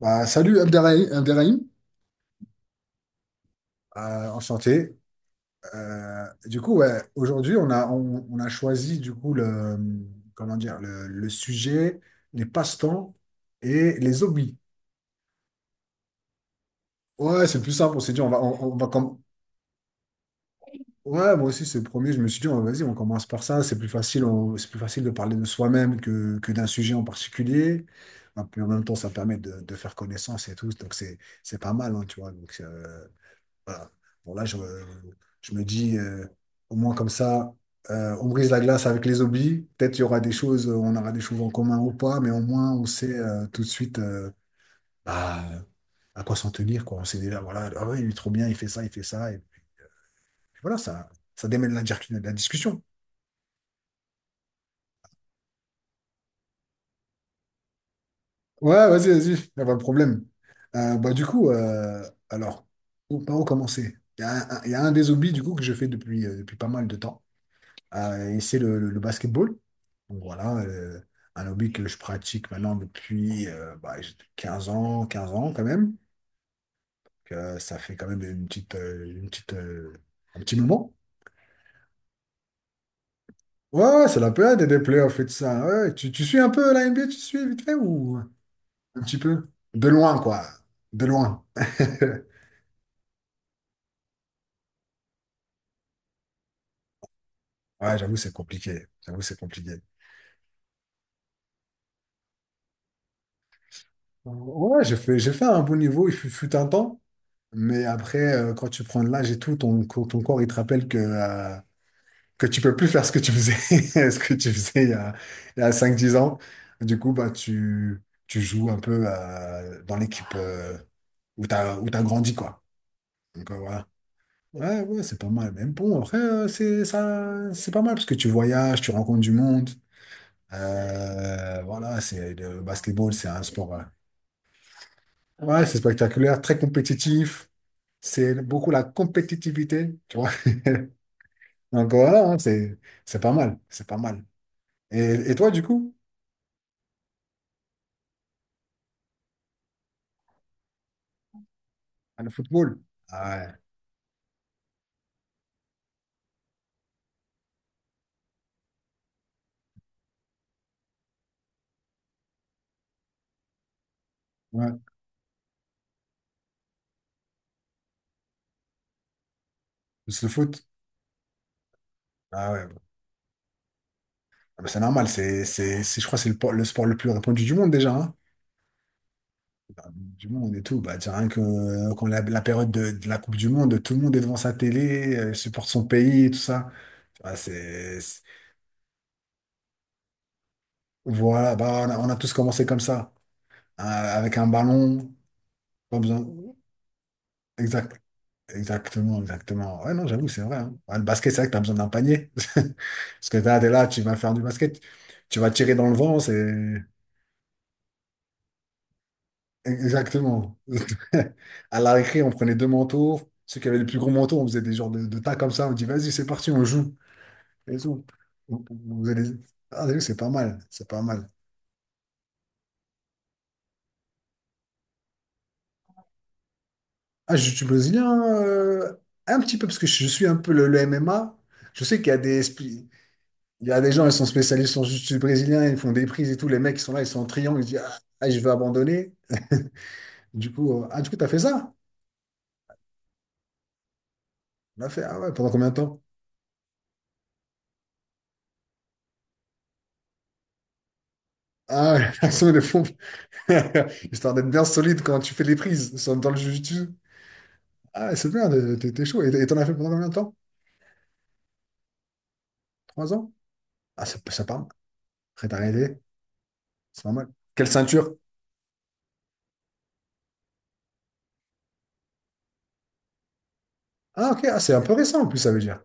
Bah, salut Abderrahim. Enchanté. Du coup, ouais, aujourd'hui, on a choisi du coup le, comment dire, le sujet, les passe-temps et les hobbies. Ouais, c'est le plus simple. On s'est dit, on va comme, ouais, moi aussi, c'est le premier. Je me suis dit, vas-y, on commence par ça. C'est plus facile. C'est plus facile de parler de soi-même que d'un sujet en particulier. Et puis en même temps, ça permet de faire connaissance et tout. Donc c'est pas mal, hein, tu vois. Donc, voilà. Bon, là, je me dis, au moins comme ça, on brise la glace avec les hobbies. Peut-être il y aura des choses, on aura des choses en commun ou pas, mais au moins, on sait tout de suite, bah, à quoi s'en tenir, quoi. On sait déjà, voilà, ah ouais, il est trop bien, il fait ça, il fait ça. Et puis, voilà, ça démêle la discussion. Ouais, vas-y, vas-y, il n'y a pas de problème. Bah, du coup, alors, par où commencer? Il y a un- il y a un des hobbies, du coup, que je fais depuis pas mal de temps. Et c'est le basketball. Donc voilà, un hobby que je pratique maintenant depuis bah, j'ai 15 ans, 15 ans quand même. Donc, ça fait quand même un petit moment. Ouais, ouais, c'est la période des playoffs et tout ça. Ouais, ouais. Tu suis un peu la NBA, tu suis vite fait ou un petit peu? De loin, quoi. De loin. Ouais, j'avoue, c'est compliqué. J'avoue, c'est compliqué. Ouais, j'ai fait un bon niveau, il fut un temps. Mais après, quand tu prends de l'âge et tout, ton corps, il te rappelle que que tu peux plus faire ce que tu faisais, ce que tu faisais il y a 5-10 ans. Du coup, bah, tu joues un peu dans l'équipe où t'as grandi, quoi. Donc, voilà. Ouais, ouais, c'est pas mal. Mais bon, après, c'est ça, c'est pas mal parce que tu voyages, tu rencontres du monde. Voilà, c'est le basketball, c'est un sport. Ouais, c'est spectaculaire, très compétitif. C'est beaucoup la compétitivité, tu vois. Donc voilà, hein, c'est pas mal, c'est pas mal. Et, et toi, du coup? Le football. Ah ouais, ouais. Juste le foot. Ah ouais, ouais. Ah bah, c'est normal, je crois que c'est le sport le plus répandu du monde déjà, hein. Du monde et tout. Bah, tiens, rien que quand la période de la Coupe du Monde, tout le monde est devant sa télé, supporte son pays et tout ça. Ah. Voilà, bah, on a tous commencé comme ça. Hein, avec un ballon, pas besoin. Exact. Exactement, exactement. Ouais, non, j'avoue, c'est vrai, hein. Ouais, le basket, c'est vrai que tu as besoin d'un panier. Parce que t'es là, tu vas faire du basket, tu vas tirer dans le vent, c'est... Exactement. À la récré, on prenait 2 manteaux. Ceux qui avaient le plus gros manteau, on faisait des genres de tas comme ça. On dit, vas-y, c'est parti, on joue. Et tout. On- on faisait des- Ah, t'as vu, c'est pas mal, c'est pas mal. Ah, je suis brésilien, un petit peu, parce que je suis un peu le MMA. Je sais qu'il y a des... Il y a des gens, ils sont spécialistes, ils sont juste brésiliens, ils font des prises et tout. Les mecs, ils sont là, ils sont en triangle, ils se disent, ah, ah, je vais abandonner. Du coup, t'as fait ça? On a fait, ah ouais, pendant combien de temps? Ah, l'action de pompe. Histoire d'être bien solide quand tu fais les prises dans le jiu-jitsu. Ah, ouais, c'est bien, t'es chaud. Et t'en as fait pendant combien de temps? 3 ans? Ah, ça parle. Après, t'as arrêté. C'est pas mal. Quelle ceinture? Ah, ok, ah, c'est un peu récent en plus, ça veut dire.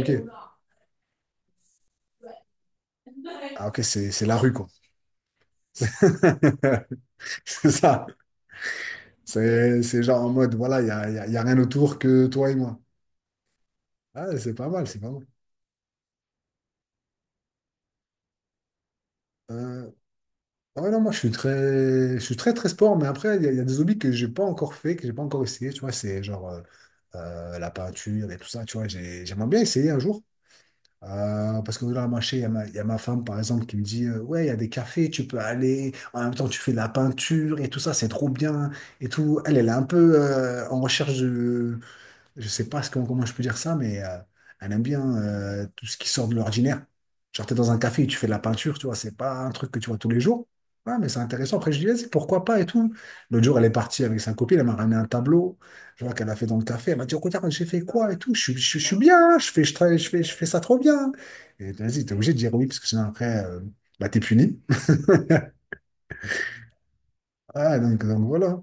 Ok. Ah, ok, c'est la rue, quoi. C'est ça. C'est genre en mode, voilà, il n'y a, y a- y a rien autour que toi et moi. Ah, c'est pas mal, c'est pas mal. Euh, ouais, non, moi, je suis très, très sport, mais après, il y a des hobbies que j'ai pas encore fait, que j'ai pas encore essayé, tu vois, c'est genre la peinture et tout ça, tu vois, j'aimerais bien essayer un jour. Parce que là, moi, je sais, il y a ma femme, par exemple, qui me dit, ouais, il y a des cafés, tu peux aller, en même temps, tu fais de la peinture et tout ça, c'est trop bien et tout. Elle, elle est un peu en recherche, je sais pas comment je peux dire ça, mais elle aime bien tout ce qui sort de l'ordinaire. Genre, t'es dans un café et tu fais de la peinture, tu vois, c'est pas un truc que tu vois tous les jours. Ouais, mais c'est intéressant. Après, je dis, vas-y, pourquoi pas et tout. L'autre jour, elle est partie avec sa copine, elle m'a ramené un tableau, je vois qu'elle a fait dans le café. Elle m'a dit, regarde, j'ai fait quoi et tout. Je suis bien, je fais, je, travaille- je fais ça trop bien. Et vas-y, t'es obligé de dire oui, parce que sinon, après, bah, t'es puni. Ah, donc voilà.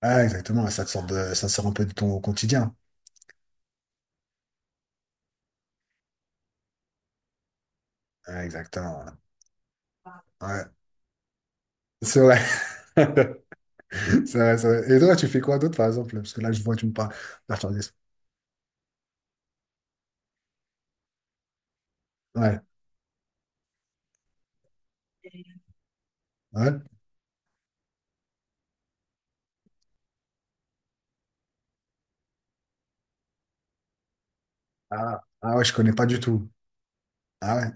Ah, exactement, ça te sort un peu de ton quotidien. Ah, exactement, voilà. Ouais, c'est vrai. C'est vrai, c'est vrai. Et toi, tu fais quoi d'autre, par exemple? Parce que là, je vois, tu me parles d'Arthur Guest. Ouais, ouais. Ah, ah ouais, je connais pas du tout. Ah ouais,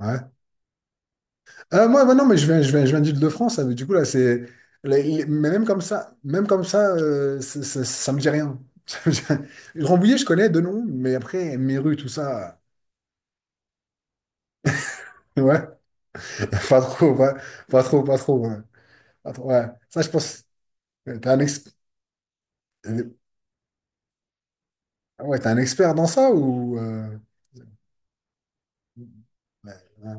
ouais. Moi, bah non, mais je viens d'Île-de-France. Du coup, là, c'est. Mais même comme ça, ça me dit rien. Ça me dit rien. Rambouillet, je connais de nom, mais après, mes rues, tout ça. Ouais, pas trop, ouais. Pas trop, pas trop. Ouais. Pas trop, ouais. Ça, je pense. euh, T'es un, ex- euh, ouais, t'es un expert dans ça ou. Ouais, ouais,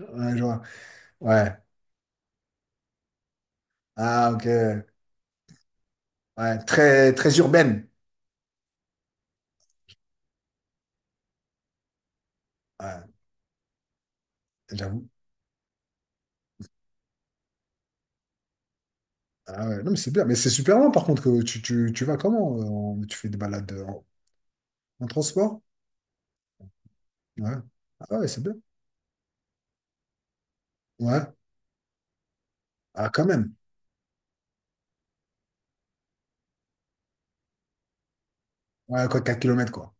ouais, je vois. Ouais. Ah, ok. Ouais, très, très urbaine. Ouais, j'avoue. Ah ouais, non, mais c'est bien. Mais c'est super loin, par contre, que tu vas comment? Tu fais des balades en transport? Ouais. Ah ouais, c'est bien. Ouais. Ah, quand même. Ouais, quoi, 4 km quoi.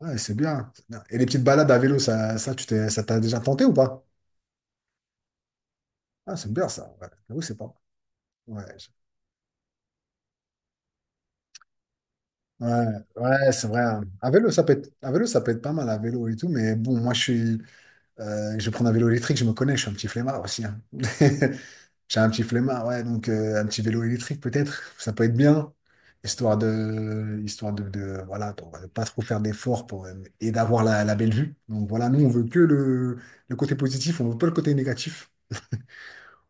Ouais, c'est bien, c'est bien. Et les petites balades à vélo, ça t'a déjà tenté ou pas? Ah, c'est bien, ça. Ouais. J'avoue, c'est pas mal. Ouais. Ouais, ouais, c'est vrai, hein. À vélo, ça peut être, à vélo, ça peut être pas mal, à vélo et tout, mais bon, moi, je suis, je vais prendre un vélo électrique, je me connais, je suis un petit flemmard aussi, hein. J'ai un petit flemmard, ouais, donc un petit vélo électrique peut-être, ça peut être bien, histoire de, de pas trop faire d'efforts pour et d'avoir la belle vue. Donc voilà, nous on veut que le côté positif, on veut pas le côté négatif.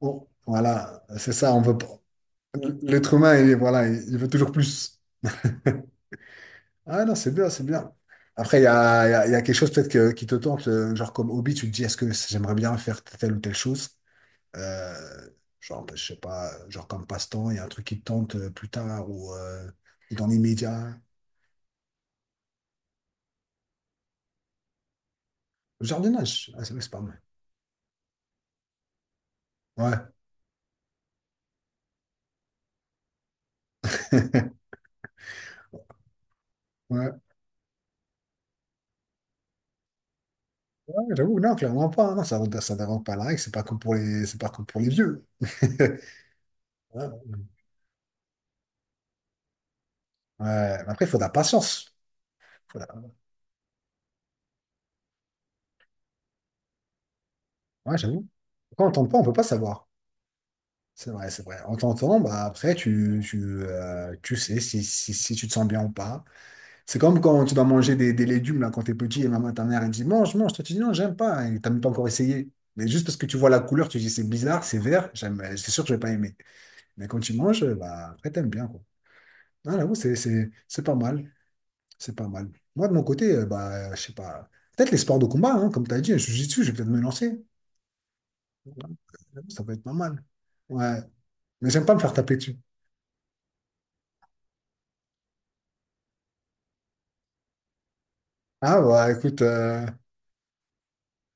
Oh, voilà, c'est ça, on veut pas. L'être humain, il, voilà, il veut toujours plus. Ah non, c'est bien, c'est bien. Après, il y a, il y a, il y a quelque chose peut-être qui te tente, genre comme hobby, tu te dis, est-ce que j'aimerais bien faire telle ou telle chose? Euh, genre, bah, je sais pas, genre comme passe-temps, il y a un truc qui te tente plus tard ou dans l'immédiat. Le jardinage, ah, c'est vrai que c'est pas mal. Ouais. Ouais, ouais, j'avoue, non, clairement pas. Non, ça dérange pas la règle, c'est pas comme pour les vieux. Ouais, ouais. Ouais, mais après, il faut de la patience. Faut de la- Ouais, j'avoue. Quand on tente pas, on peut pas savoir. C'est vrai, c'est vrai. En tentant, bah, après, tu sais si tu te sens bien ou pas. C'est comme quand tu dois manger des légumes là, quand t'es petit et maman, ta mère, elle dit mange, mange. Toi, tu dis non, j'aime pas. Et t'as même pas encore essayé. Mais juste parce que tu vois la couleur, tu dis c'est bizarre, c'est vert, c'est sûr que je vais pas aimer. Mais quand tu manges, bah, après, t'aimes bien, quoi. Ah, là, ouais, c'est pas mal. C'est pas mal. Moi, de mon côté, bah, je sais pas. Peut-être les sports de combat, hein, comme t'as dit, je suis dessus, je vais peut-être me lancer. Ça peut être pas mal. Ouais. Mais j'aime pas me faire taper dessus. Ah, bah, écoute,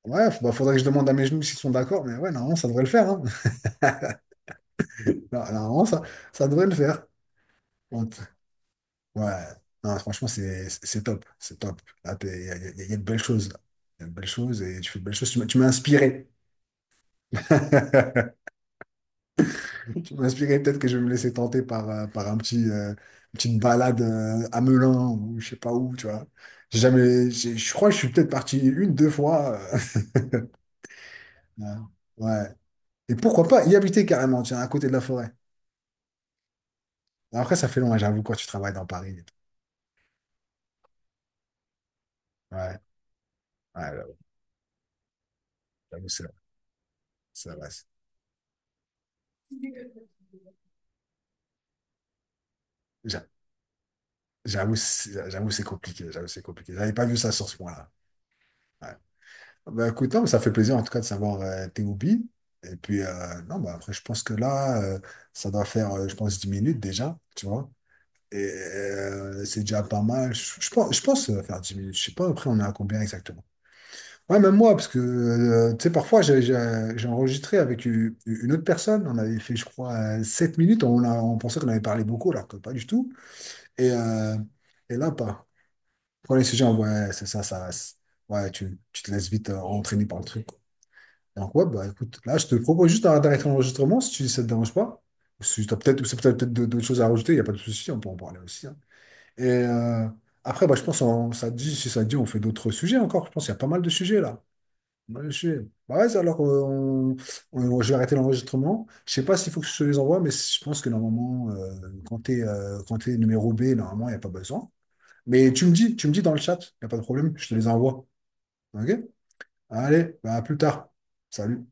ouais, bah, faudrait que je demande à mes genoux s'ils sont d'accord. Mais ouais, normalement, ça devrait le faire, hein. Non, normalement, ça devrait le faire. On t- Ouais, non, franchement, c'est top. C'est top. Là, il y a de belles choses là. Il y a de belles choses et tu fais de belles choses. Tu m'as inspiré. Tu m'as inspiré. Peut-être que je vais me laisser tenter par une petite balade à Melun ou je sais pas où, tu vois. J'ai jamais, j'ai- je crois que je suis peut-être parti une, deux fois. Ouais. Ouais. Et pourquoi pas y habiter carrément, tiens, à côté de la forêt. Après, ça fait long, hein, j'avoue, quand tu travailles dans Paris. Ouais, ouais, j'avoue, c'est vrai, c'est vrai. J'avoue, c'est compliqué. J'avoue, c'est compliqué. J'avais pas vu ça sur ce point-là. Ouais. Bah, écoute, non, mais ça fait plaisir en tout cas de savoir tes hobbies. Et puis, non, bah, après, je pense que là, ça doit faire, je pense, 10 minutes déjà, tu vois. Et c'est déjà pas mal. Je pense faire 10 minutes. Je sais pas, après, on est à combien exactement. Ouais, même moi, parce que, tu sais, parfois, j'ai enregistré avec une autre personne. On avait fait, je crois, 7 minutes. On pensait qu'on avait parlé beaucoup, alors que pas du tout. Et, euh, et là, pas. Premier sujet, ouais, c'est ça, ça. Ouais, tu te laisses vite entraîner par le truc. Donc, ouais, bah écoute, là, je te propose juste d'arrêter l'enregistrement si ça te dérange pas. Ou si t'as peut-être d'autres choses à rajouter, il n'y a pas de souci, on peut en parler aussi, hein. Et après, bah, je pense, ça te dit, si ça te dit, on fait d'autres sujets encore. Je pense qu'il y a pas mal de sujets là. Pas mal de sujets. Bah, vas-y, alors, je vais arrêter l'enregistrement. Je sais pas s'il faut que je te les envoie, mais je pense que normalement, quand t'es numéro B, normalement, il n'y a pas besoin. Mais tu me dis dans le chat, il n'y a pas de problème, je te les envoie. OK? Allez, bah, à plus tard. Salut.